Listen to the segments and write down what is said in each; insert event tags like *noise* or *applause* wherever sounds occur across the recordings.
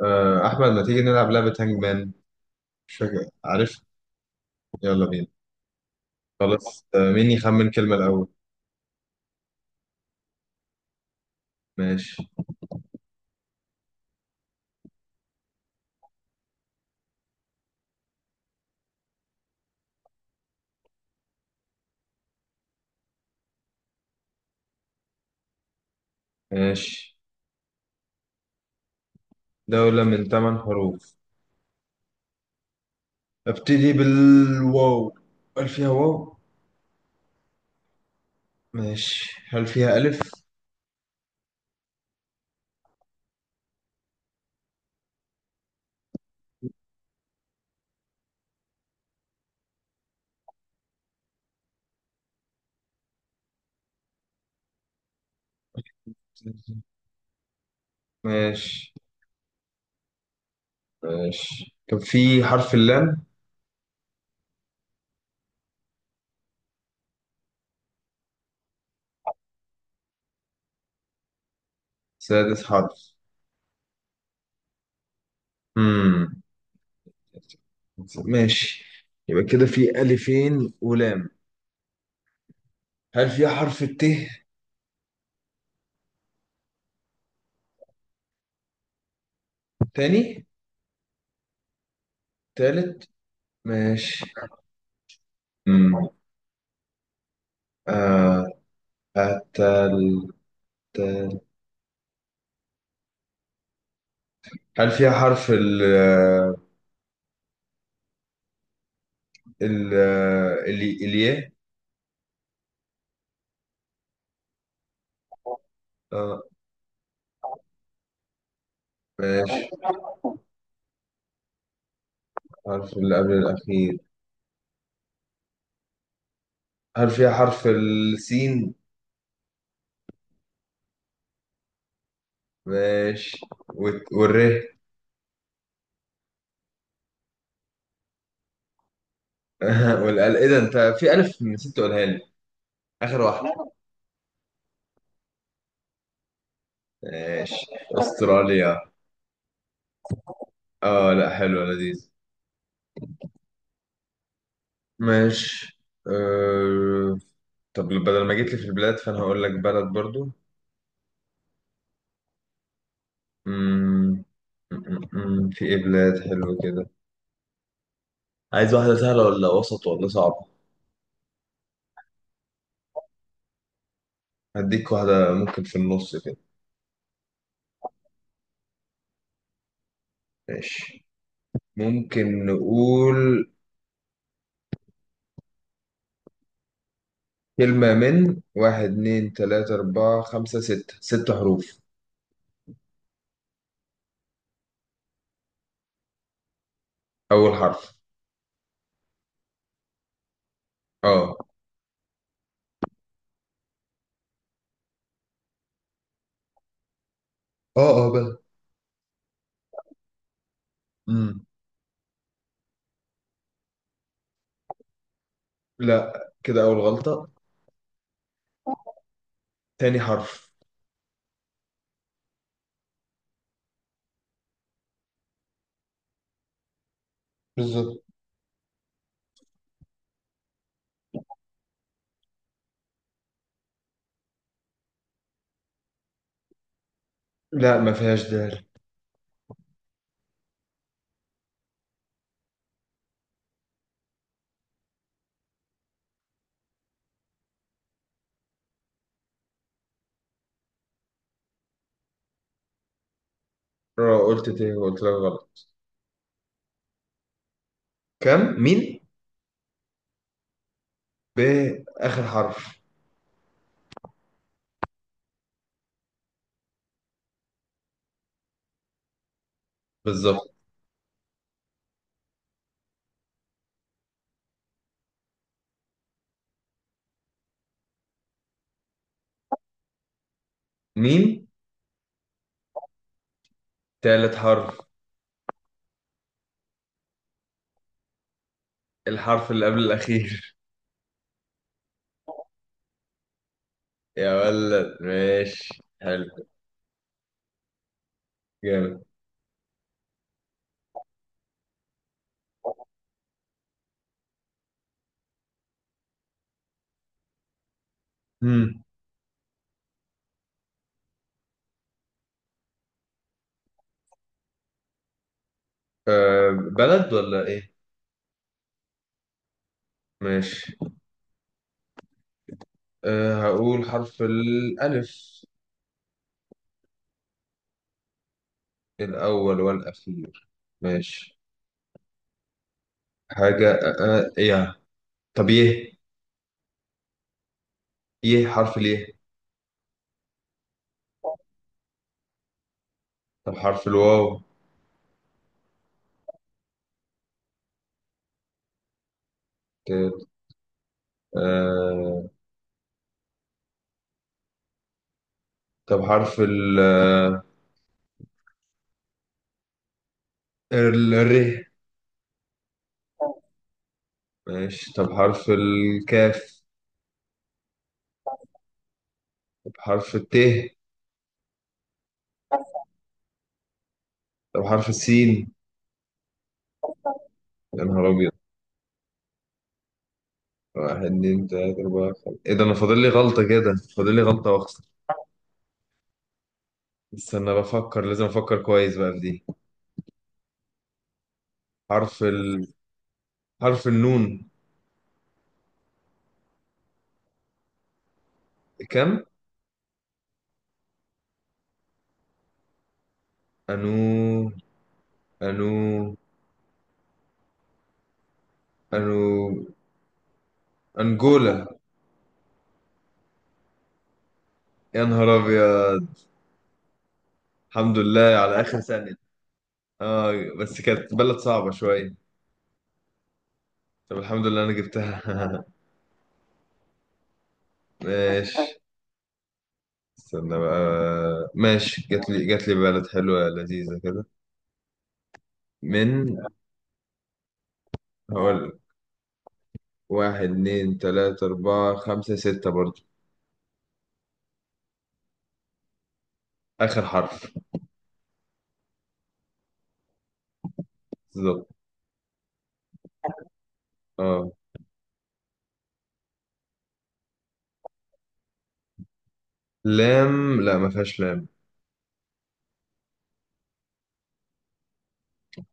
أحمد، ما تيجي نلعب لعبة هانج مان؟ مش فاكر. عارف، يلا بينا. خلاص. مين يخمن كلمة الأول؟ ماشي، ماشي. دولة من ثمان حروف. أبتدي بالواو. هل فيها واو؟ ماشي. هل فيها ألف؟ ماشي، ماشي. كان في حرف اللام. سادس حرف. مم. ماشي. يبقى كده في ألفين ولام. هل فيها حرف الت؟ تاني؟ تالت؟ ماشي. مم. آه، التل. تل. هل فيها حرف ال الياء؟ آه، ماشي. حرف اللي قبل الأخير. هل فيها حرف السين؟ ماشي. والر. *laughs* والال، إيه ده؟ أنت في ألف نسيت تقولها لي. آخر واحدة. ماشي. أستراليا. آه لا، حلوة، لذيذ. ماشي. أه... طب بدل ما جيت لي في البلاد، فأنا هقول لك بلد برضو. مم... في إيه بلاد حلوة كده؟ عايز واحدة سهلة ولا وسط ولا صعبة؟ هديك واحدة ممكن في النص كده. ماشي. ممكن نقول كلمة من واحد اتنين تلاتة أربعة خمسة ستة. ست حروف. أول حرف. اه، اه، اه، بقى. مم. لا، كده أول غلطة. تاني حرف. بالظبط. لا، ما فيهاش دال. قلت تاني، قلت لك غلط. كم؟ مين؟ ب. آخر حرف. بالظبط. مين؟ تالت حرف. الحرف اللي قبل الأخير. *laughs* يا ولد، ماشي حلو. جامد. امم أه، بلد ولا ايه؟ ماشي. هقول حرف الألف. الأول والأخير. ماشي. حاجة أه أه يا. طب يه؟ يه، حرف اليه. طب حرف الواو. ت- أه. طب حرف ال الر. ماشي. طب حرف الكاف. طب حرف الت. طب حرف السين. يا نهار أبيض. واحد، اتنين، تلاتة، أربعة، خمسة. إيه ده؟ أنا فاضل لي غلطة كده، فاضل لي غلطة وأخسر. استنى بفكر، لازم افكر كويس بقى في دي. حرف ال... حرف النون. كم؟ انو، انو، انو. انجولا. يا نهار ابيض. الحمد لله على اخر ثانية. اه. بس كانت بلد صعبة شوية. طب الحمد لله انا جبتها. *laughs* ماشي. استنى بقى. ماشي. جات لي، جات لي بلد حلوة لذيذة كده. من، هقول. واحد، اتنين، تلاتة، أربعة، خمسة، ستة برضو. آخر حرف. بالظبط. اه. لام؟ لا، ما فيهاش لام.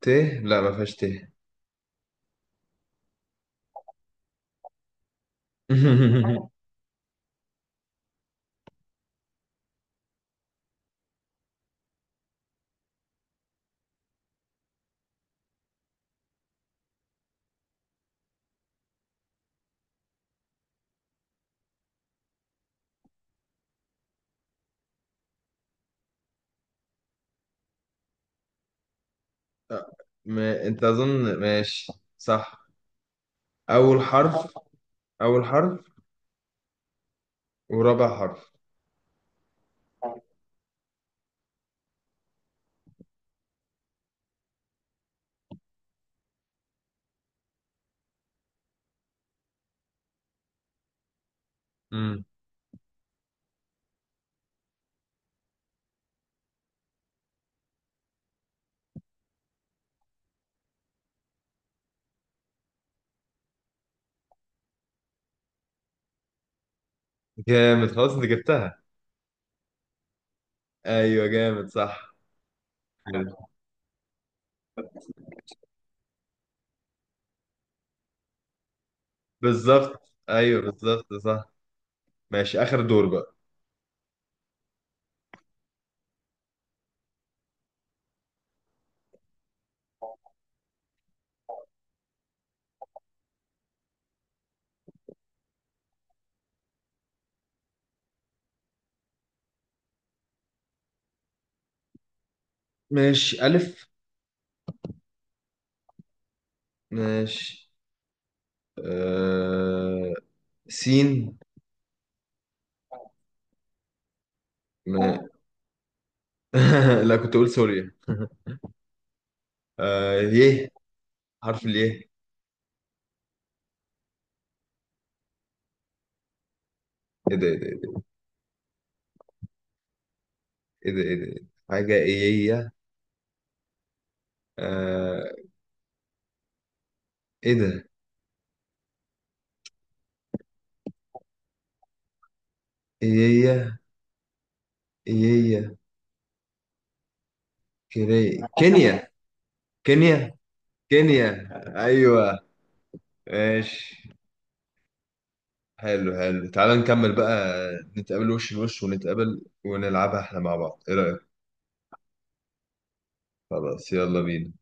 ت؟ لا، ما فيهاش ت. *laughs* أه. ما... انت اظن. ماشي. صح. اول حرف. اول حرف ورابع حرف. أمم. جامد، خلاص انت جبتها. ايوه، جامد. صح. حلو. بالظبط، ايوه بالظبط. صح. ماشي. اخر دور بقى. ماشي. الف. ماشي. آه... سين. ما... *laughs* لا، كنت اقول سوريا. *laughs* يه. حرف اليه. ايه ده؟ ايه ده؟ ايه ده؟ ايه ده؟ إيه ده؟ حاجه ايه؟ آه... ايه ده؟ ايه؟ ايه؟ كري. أسامي. كينيا. كينيا. كينيا. ايوه. ماشي. حلو، حلو. تعال نكمل بقى. نتقابل وش لوش، ونتقابل ونلعبها احنا مع بعض، ايه رأيك؟ خلاص. يلا بينا.